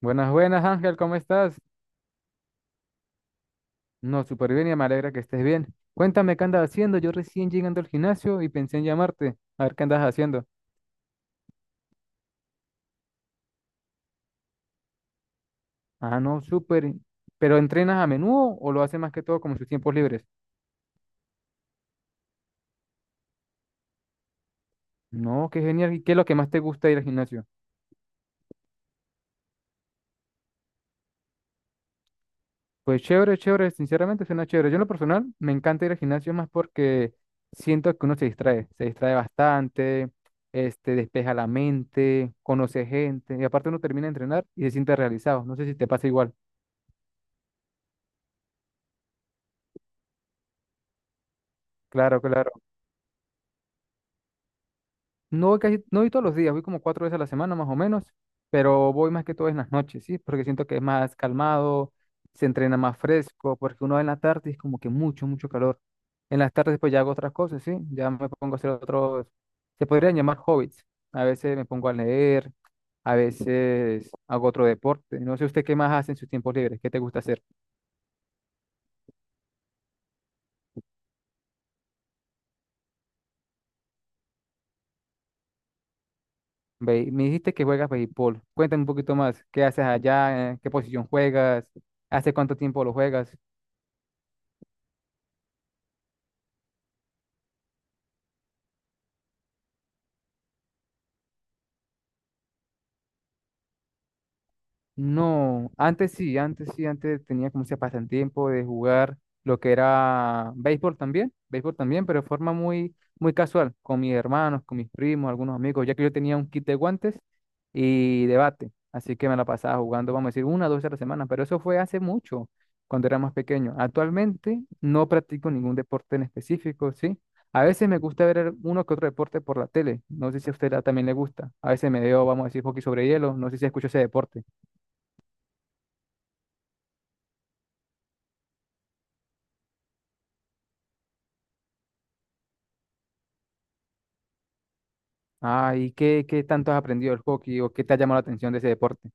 Buenas, buenas, Ángel, ¿cómo estás? No, súper bien y me alegra que estés bien. Cuéntame qué andas haciendo. Yo recién llegando al gimnasio y pensé en llamarte. A ver qué andas haciendo. Ah, no, súper. ¿Pero entrenas a menudo o lo haces más que todo como en sus tiempos libres? No, qué genial. ¿Y qué es lo que más te gusta ir al gimnasio? Pues chévere, chévere. Sinceramente suena chévere. Yo en lo personal me encanta ir al gimnasio más porque siento que uno se distrae. Se distrae bastante, despeja la mente, conoce gente y aparte uno termina de entrenar y se siente realizado. No sé si te pasa igual. Claro, claro. No voy casi, no voy todos los días, voy como cuatro veces a la semana más o menos, pero voy más que todo en las noches, ¿sí? Porque siento que es más calmado, se entrena más fresco, porque uno en la tarde es como que mucho, mucho calor. En las tardes pues ya hago otras cosas, ¿sí? Ya me pongo a hacer otros, se podrían llamar hobbies. A veces me pongo a leer, a veces hago otro deporte. No sé usted qué más hace en sus tiempos libres, qué te gusta hacer. Me dijiste que juegas béisbol. Cuéntame un poquito más, ¿qué haces allá? ¿En Qué posición juegas? ¿Hace cuánto tiempo lo juegas? No, antes sí, antes sí, antes tenía como ese pasatiempo de jugar lo que era béisbol también, pero de forma muy, muy casual, con mis hermanos, con mis primos, algunos amigos, ya que yo tenía un kit de guantes y de bate, así que me la pasaba jugando, vamos a decir, una o dos veces a la semana, pero eso fue hace mucho, cuando era más pequeño. Actualmente no practico ningún deporte en específico, ¿sí? A veces me gusta ver uno que otro deporte por la tele, no sé si a usted también le gusta, a veces me veo, vamos a decir, hockey sobre hielo, no sé si escucho ese deporte. Ah, ¿y qué tanto has aprendido del hockey o qué te ha llamado la atención de ese deporte?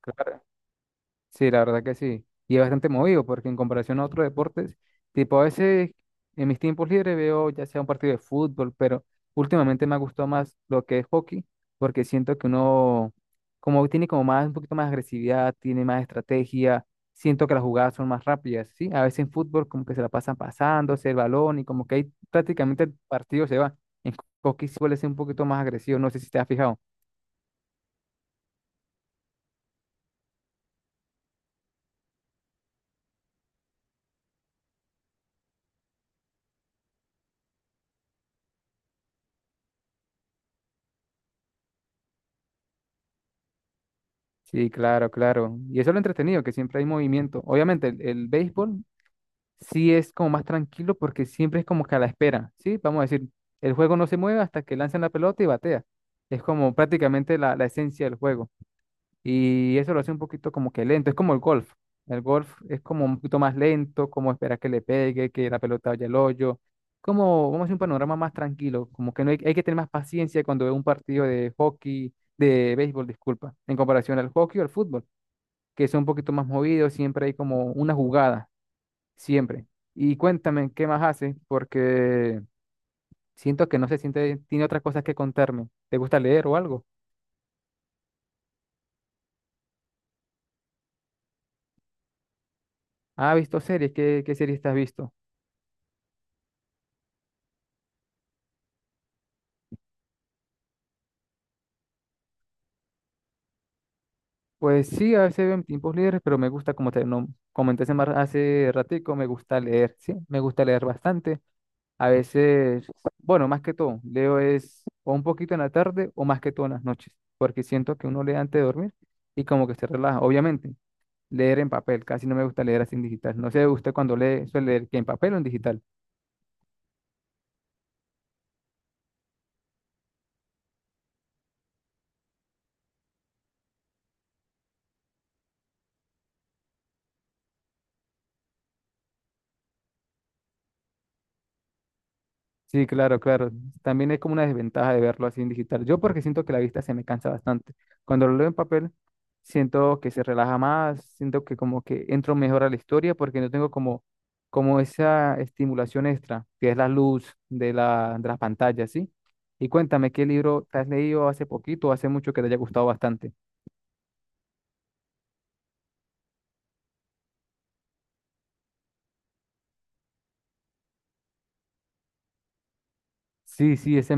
Claro, sí, la verdad que sí. Y es bastante movido porque en comparación a otros deportes, tipo a veces en mis tiempos libres veo ya sea un partido de fútbol, pero últimamente me ha gustado más lo que es hockey porque siento que uno como tiene como más un poquito más agresividad, tiene más estrategia, siento que las jugadas son más rápidas, ¿sí? A veces en fútbol como que se la pasan pasándose el balón y como que ahí prácticamente el partido se va. En hockey suele ser un poquito más agresivo, no sé si te has fijado. Sí, claro, claro. Y eso es lo entretenido, que siempre hay movimiento. Obviamente, el béisbol sí es como más tranquilo porque siempre es como que a la espera, ¿sí? Vamos a decir, el juego no se mueve hasta que lanzan la pelota y batea. Es como prácticamente la esencia del juego. Y eso lo hace un poquito como que lento, es como el golf. El golf es como un poquito más lento, como esperar que le pegue, que la pelota vaya al hoyo. Como, vamos a hacer un panorama más tranquilo, como que no hay, hay que tener más paciencia cuando ve un partido de hockey, de béisbol, disculpa, en comparación al hockey o al fútbol que son un poquito más movidos, siempre hay como una jugada, siempre. Y cuéntame, ¿qué más haces? Porque siento que no se siente, tiene otras cosas que contarme. ¿Te gusta leer o algo? Ah, ¿has visto series? Qué series te has visto? Pues sí, a veces veo en tiempos libres, pero me gusta, como te no, comenté hace ratico, me gusta leer, sí, me gusta leer bastante. A veces, bueno, más que todo, leo es o un poquito en la tarde o más que todo en las noches, porque siento que uno lee antes de dormir y como que se relaja. Obviamente, leer en papel, casi no me gusta leer así en digital. No sé, usted cuando lee, suele leer que en papel o en digital. Sí, claro, claro. También es como una desventaja de verlo así en digital. Yo porque siento que la vista se me cansa bastante. Cuando lo leo en papel, siento que se relaja más, siento que como que entro mejor a la historia porque no tengo como, como esa estimulación extra, que es la luz de de las pantallas, ¿sí? Y cuéntame, ¿qué libro te has leído hace poquito o hace mucho que te haya gustado bastante? Sí, sí, ese,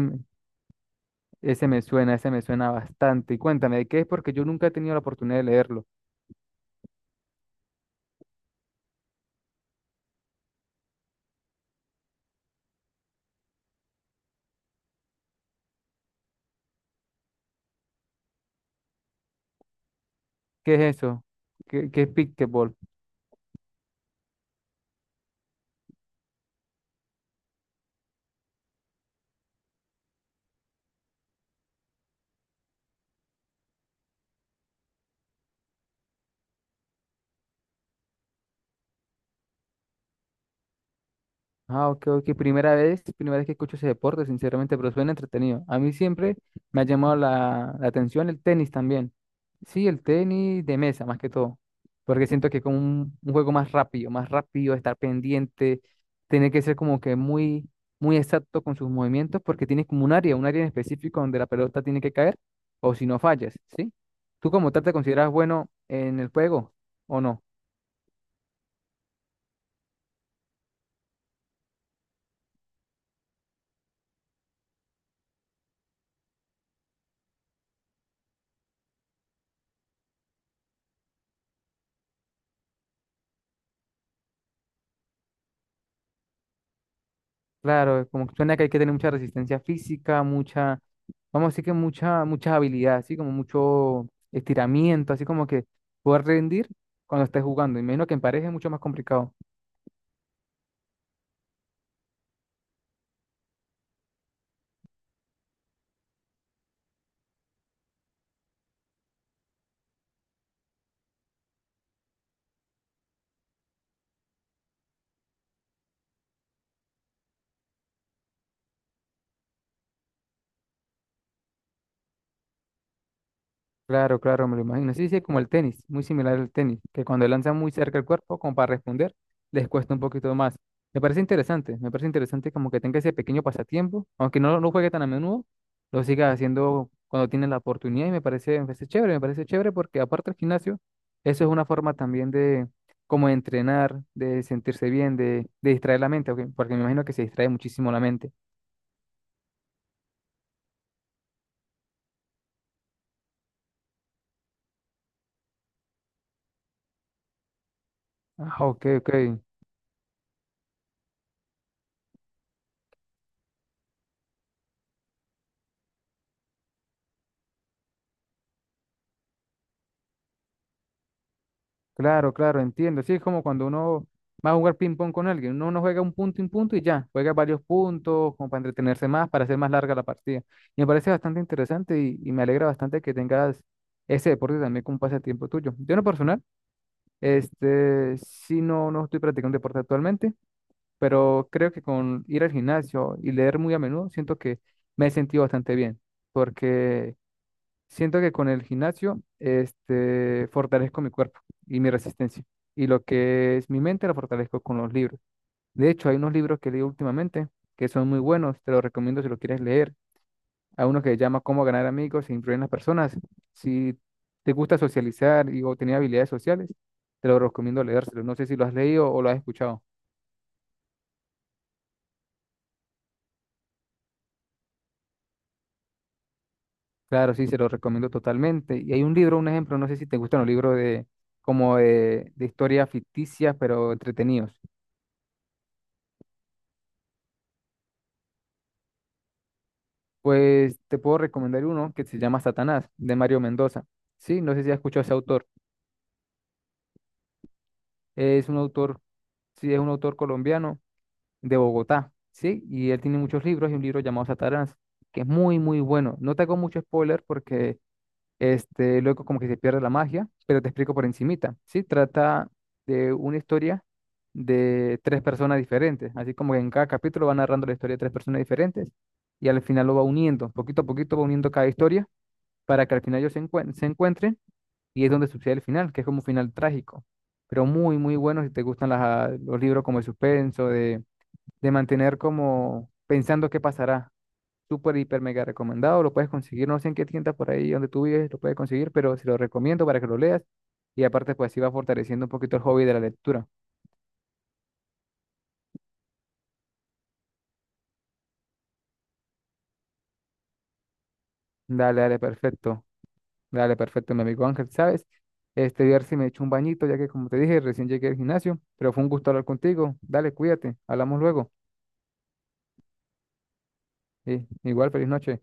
Ese me suena, ese me suena bastante. Y cuéntame, ¿de qué es? Porque yo nunca he tenido la oportunidad de leerlo. ¿Qué es eso? Qué es Pickleball? Ah, ok, ok. Primera vez que escucho ese deporte, sinceramente, pero suena entretenido. A mí siempre me ha llamado la atención el tenis también. Sí, el tenis de mesa, más que todo. Porque siento que es como un juego más rápido, estar pendiente, tener que ser como que muy, muy exacto con sus movimientos, porque tienes como un área en específico donde la pelota tiene que caer, o si no fallas, ¿sí? ¿Tú como tal te consideras bueno en el juego o no? Claro, como que suena que hay que tener mucha resistencia física, mucha, vamos a decir que mucha, mucha habilidad, así como mucho estiramiento, así como que poder rendir cuando estés jugando. Imagino que en pareja es mucho más complicado. Claro, claro, me lo imagino. Sí, sí, como el tenis, muy similar al tenis, que cuando lanzan muy cerca el cuerpo, como para responder, les cuesta un poquito más. Me parece interesante como que tenga ese pequeño pasatiempo, aunque no lo juegue tan a menudo, lo siga haciendo cuando tiene la oportunidad y me parece chévere porque aparte del gimnasio, eso es una forma también de como de entrenar, de sentirse bien, de distraer la mente, ok. Porque me imagino que se distrae muchísimo la mente. Ah, ok, ok. Claro, claro, entiendo. Sí, es como cuando uno va a jugar ping-pong con alguien. Uno no juega un punto y ya. Juega varios puntos como para entretenerse más, para hacer más larga la partida. Y me parece bastante interesante y me alegra bastante que tengas ese deporte también como un pasatiempo tuyo. Yo en lo personal, sí no, no estoy practicando deporte actualmente, pero creo que con ir al gimnasio y leer muy a menudo, siento que me he sentido bastante bien. Porque siento que con el gimnasio, fortalezco mi cuerpo y mi resistencia. Y lo que es mi mente la fortalezco con los libros. De hecho, hay unos libros que leo últimamente que son muy buenos. Te los recomiendo si lo quieres leer. Hay uno que se llama Cómo ganar amigos e influir en las personas. Si te gusta socializar y o tener habilidades sociales, te lo recomiendo leérselo. No sé si lo has leído o lo has escuchado. Claro, sí, se lo recomiendo totalmente. Y hay un libro, un ejemplo, no sé si te gustan los libros de como de historias ficticias, pero entretenidos. Pues te puedo recomendar uno que se llama Satanás, de Mario Mendoza. Sí, no sé si has escuchado a ese autor. Es un autor, sí, es un autor colombiano de Bogotá, ¿sí? Y él tiene muchos libros y un libro llamado Satanás, que es muy, muy bueno. No te hago mucho spoiler porque luego como que se pierde la magia, pero te explico por encimita, ¿sí? Trata de una historia de tres personas diferentes, así como que en cada capítulo va narrando la historia de tres personas diferentes y al final lo va uniendo, poquito a poquito va uniendo cada historia para que al final ellos se, se encuentren y es donde sucede el final, que es como un final trágico, pero muy, muy bueno si te gustan los libros como de suspenso, de mantener como pensando qué pasará. Súper, hiper, mega recomendado, lo puedes conseguir, no sé en qué tienda por ahí donde tú vives, lo puedes conseguir, pero se lo recomiendo para que lo leas y aparte pues sí va fortaleciendo un poquito el hobby de la lectura. Dale, dale, perfecto, mi amigo Ángel, ¿sabes? Ver si me echo un bañito, ya que como te dije, recién llegué al gimnasio, pero fue un gusto hablar contigo. Dale, cuídate, hablamos luego. Sí, igual, feliz noche.